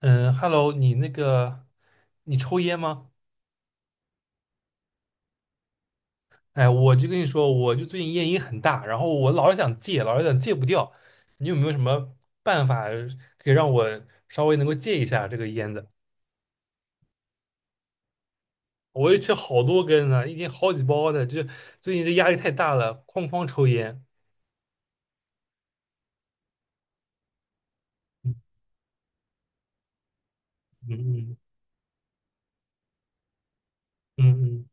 嗯，Hello，你那个，你抽烟吗？哎，我就跟你说，我就最近烟瘾很大，然后我老是想戒，老是想戒不掉。你有没有什么办法可以让我稍微能够戒一下这个烟的？我也吃好多根呢，一天好几包的。这最近这压力太大了，哐哐抽烟。嗯嗯嗯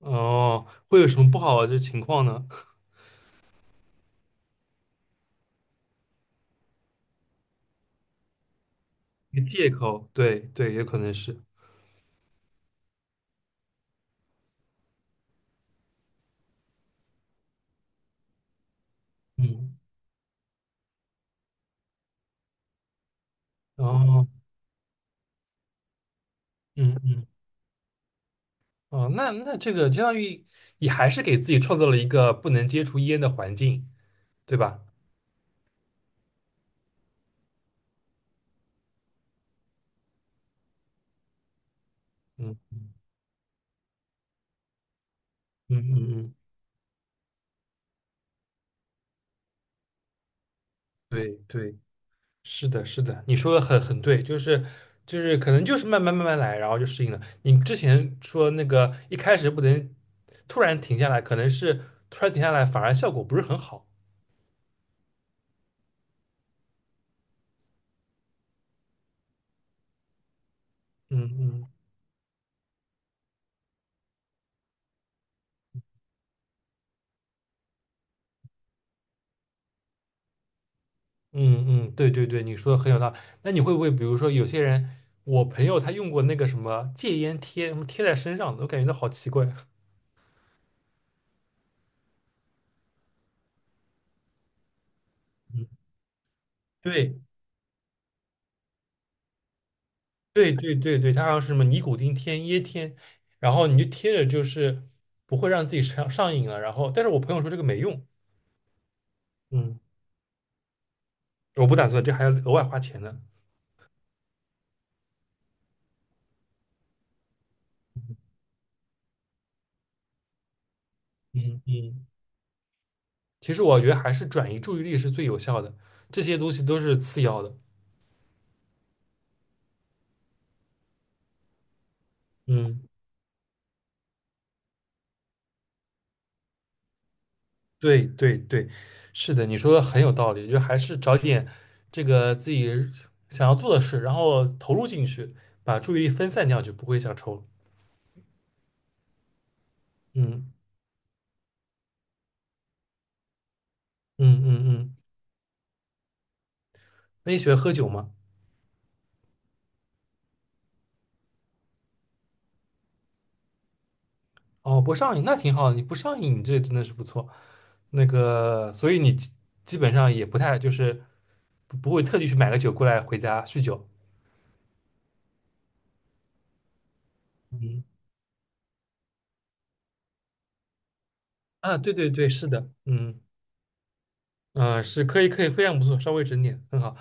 嗯，哦，会有什么不好的情况呢？一个借口，对对，也可能是。嗯，哦，嗯嗯。哦，那这个相当于你还是给自己创造了一个不能接触烟的环境，对吧？嗯嗯嗯嗯，对对，是的，是的，你说的很对，就是可能就是慢慢慢慢来，然后就适应了。你之前说那个一开始不能突然停下来，可能是突然停下来反而效果不是很好。嗯嗯嗯嗯，对对对，你说的很有道理。那你会不会比如说有些人，我朋友他用过那个什么戒烟贴，什么贴在身上的，我感觉到好奇怪。嗯。对对对对对，它好像是什么尼古丁贴椰贴，然后你就贴着，就是不会让自己上瘾了。然后，但是我朋友说这个没用，嗯，我不打算，这还要额外花钱呢。嗯嗯，其实我觉得还是转移注意力是最有效的，这些东西都是次要的。嗯，对对对，是的，你说的很有道理，就还是找点这个自己想要做的事，然后投入进去，把注意力分散掉，就不会想抽了。嗯嗯嗯嗯，那你喜欢喝酒吗？哦，不上瘾那挺好的，你不上瘾，你这真的是不错。那个，所以你基本上也不太就是不会特地去买个酒过来回家酗酒。嗯，啊，对对对，是的，嗯嗯，是可以可以，非常不错，稍微整点，很好。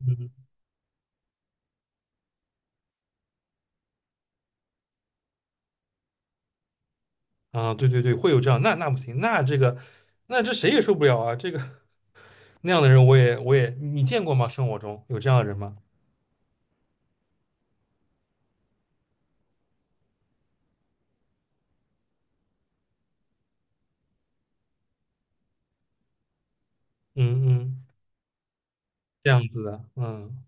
嗯啊，对对对，会有这样，那不行，那这谁也受不了啊，这个那样的人我也你见过吗？生活中有这样的人吗？嗯嗯，这样子的，嗯。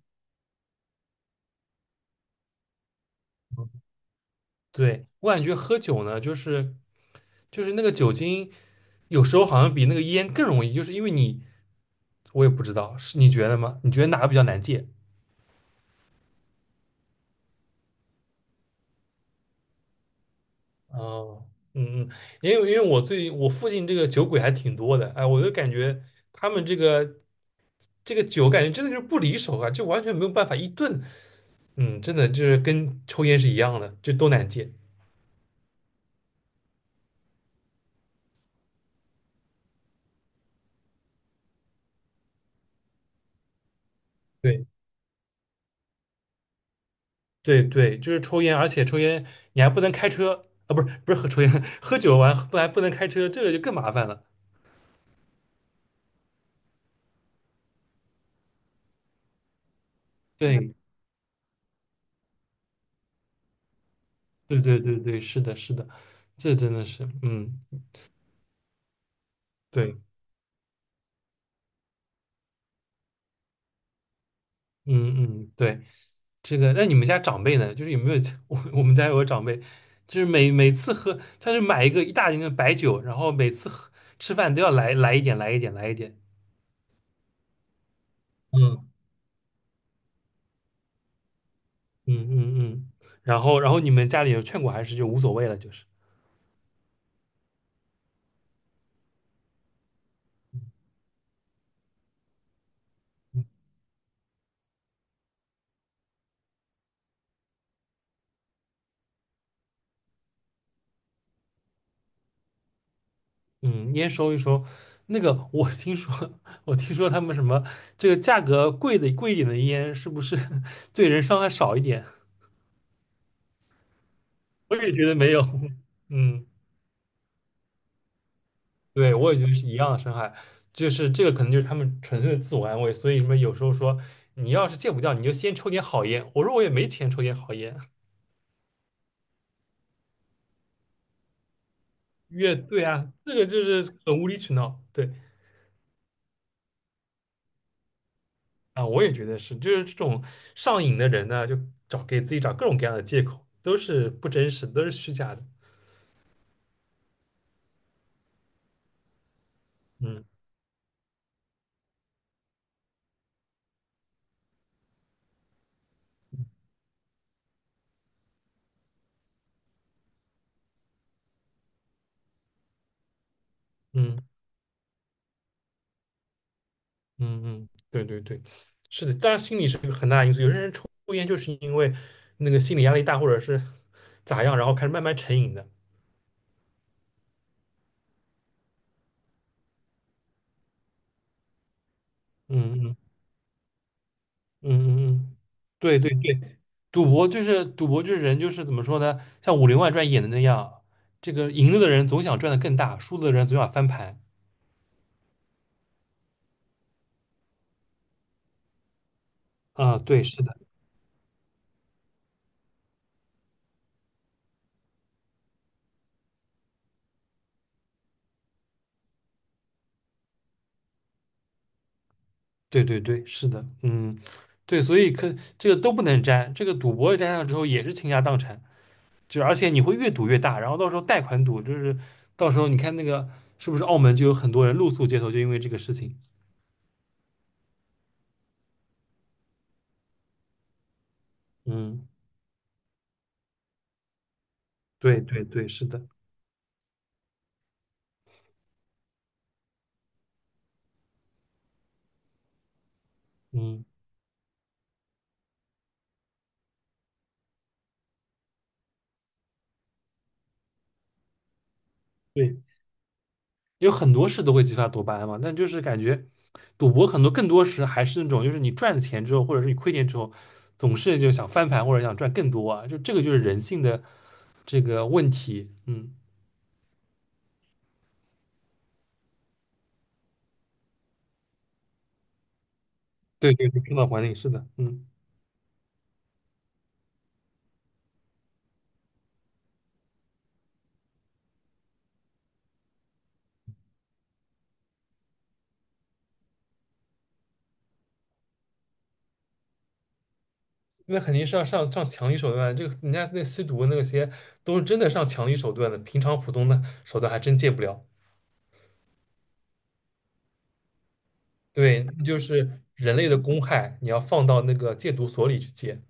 对，我感觉喝酒呢，就是那个酒精，有时候好像比那个烟更容易，就是因为你，我也不知道，是你觉得吗？你觉得哪个比较难戒？哦，嗯嗯，因为我附近这个酒鬼还挺多的，哎，我就感觉他们这个酒，感觉真的就是不离手啊，就完全没有办法一顿，真的就是跟抽烟是一样的，就都难戒。对。对对，就是抽烟，而且抽烟你还不能开车啊，不是喝抽烟，喝酒完不还不能开车，这个就更麻烦了。对 对对对对，是的，是的，这真的是，嗯，对，嗯嗯对，这个那你们家长辈呢？就是有没有 我们家有个长辈，就是每次喝，他就买一个一大瓶的白酒，然后每次喝吃饭都要来一点，来一点，来一点。嗯嗯嗯嗯，然后你们家里有劝过还是就无所谓了，就是。嗯，烟收一收，那个我听说，我听说他们什么这个价格贵一点的烟，是不是 对人伤害少一点？我也觉得没有。嗯，对，我也觉得是一样的伤害，就是这个可能就是他们纯粹的自我安慰，所以什么有时候说你要是戒不掉，你就先抽点好烟。我说我也没钱抽点好烟，越对啊，这个就是很无理取闹。对啊，我也觉得是，就是这种上瘾的人呢，给自己找各种各样的借口，都是不真实都是虚假的。嗯嗯嗯嗯，对对对，是的，当然心理是个很大的因素。有些人抽烟就是因为那个心理压力大，或者是咋样，然后开始慢慢成瘾的。嗯嗯嗯嗯嗯，对对对，赌博就是人就是怎么说呢？像《武林外传》演的那样，这个赢了的人总想赚的更大，输了的人总想翻盘。啊，对，是的，对对对，是的，嗯，对，所以可这个都不能沾，这个赌博沾上之后也是倾家荡产。就而且你会越赌越大，然后到时候贷款赌，就是到时候你看那个是不是澳门就有很多人露宿街头，就因为这个事情。嗯，对对对，是的，嗯，对，有很多事都会激发多巴胺嘛，但就是感觉赌博很多更多时还是那种，就是你赚了钱之后，或者是你亏钱之后，总是就想翻盘或者想赚更多啊，就这个就是人性的这个问题。嗯，对对对，生脑管理是的，嗯。那肯定是要上强力手段。这个人家那吸毒那些都是真的上强力手段的，平常普通的手段还真戒不了。对，那就是人类的公害，你要放到那个戒毒所里去戒。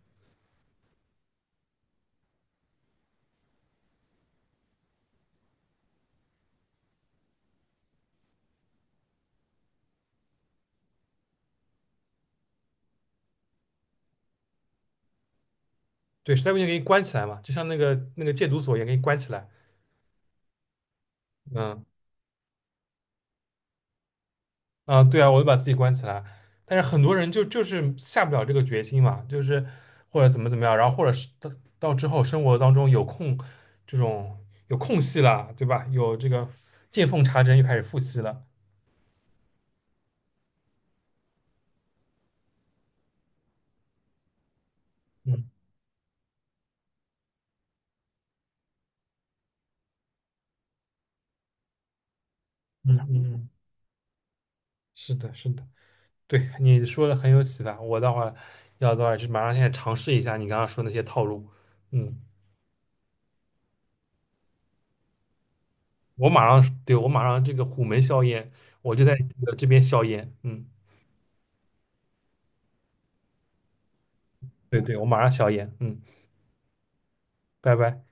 对，实在不行给你关起来嘛，就像那个戒毒所也给你关起来。嗯啊，对啊，我就把自己关起来。但是很多人就是下不了这个决心嘛，就是或者怎么样，然后或者是到之后生活当中这种有空隙了，对吧？有这个见缝插针又开始复吸了。嗯嗯嗯，嗯是的，是的，对，你说的很有启发。我待会儿要的话是马上现在尝试一下你刚刚说那些套路。嗯，我马上，对，我马上这个虎门销烟，我就在这个这边销烟。嗯，对对，我马上销烟。嗯，拜拜。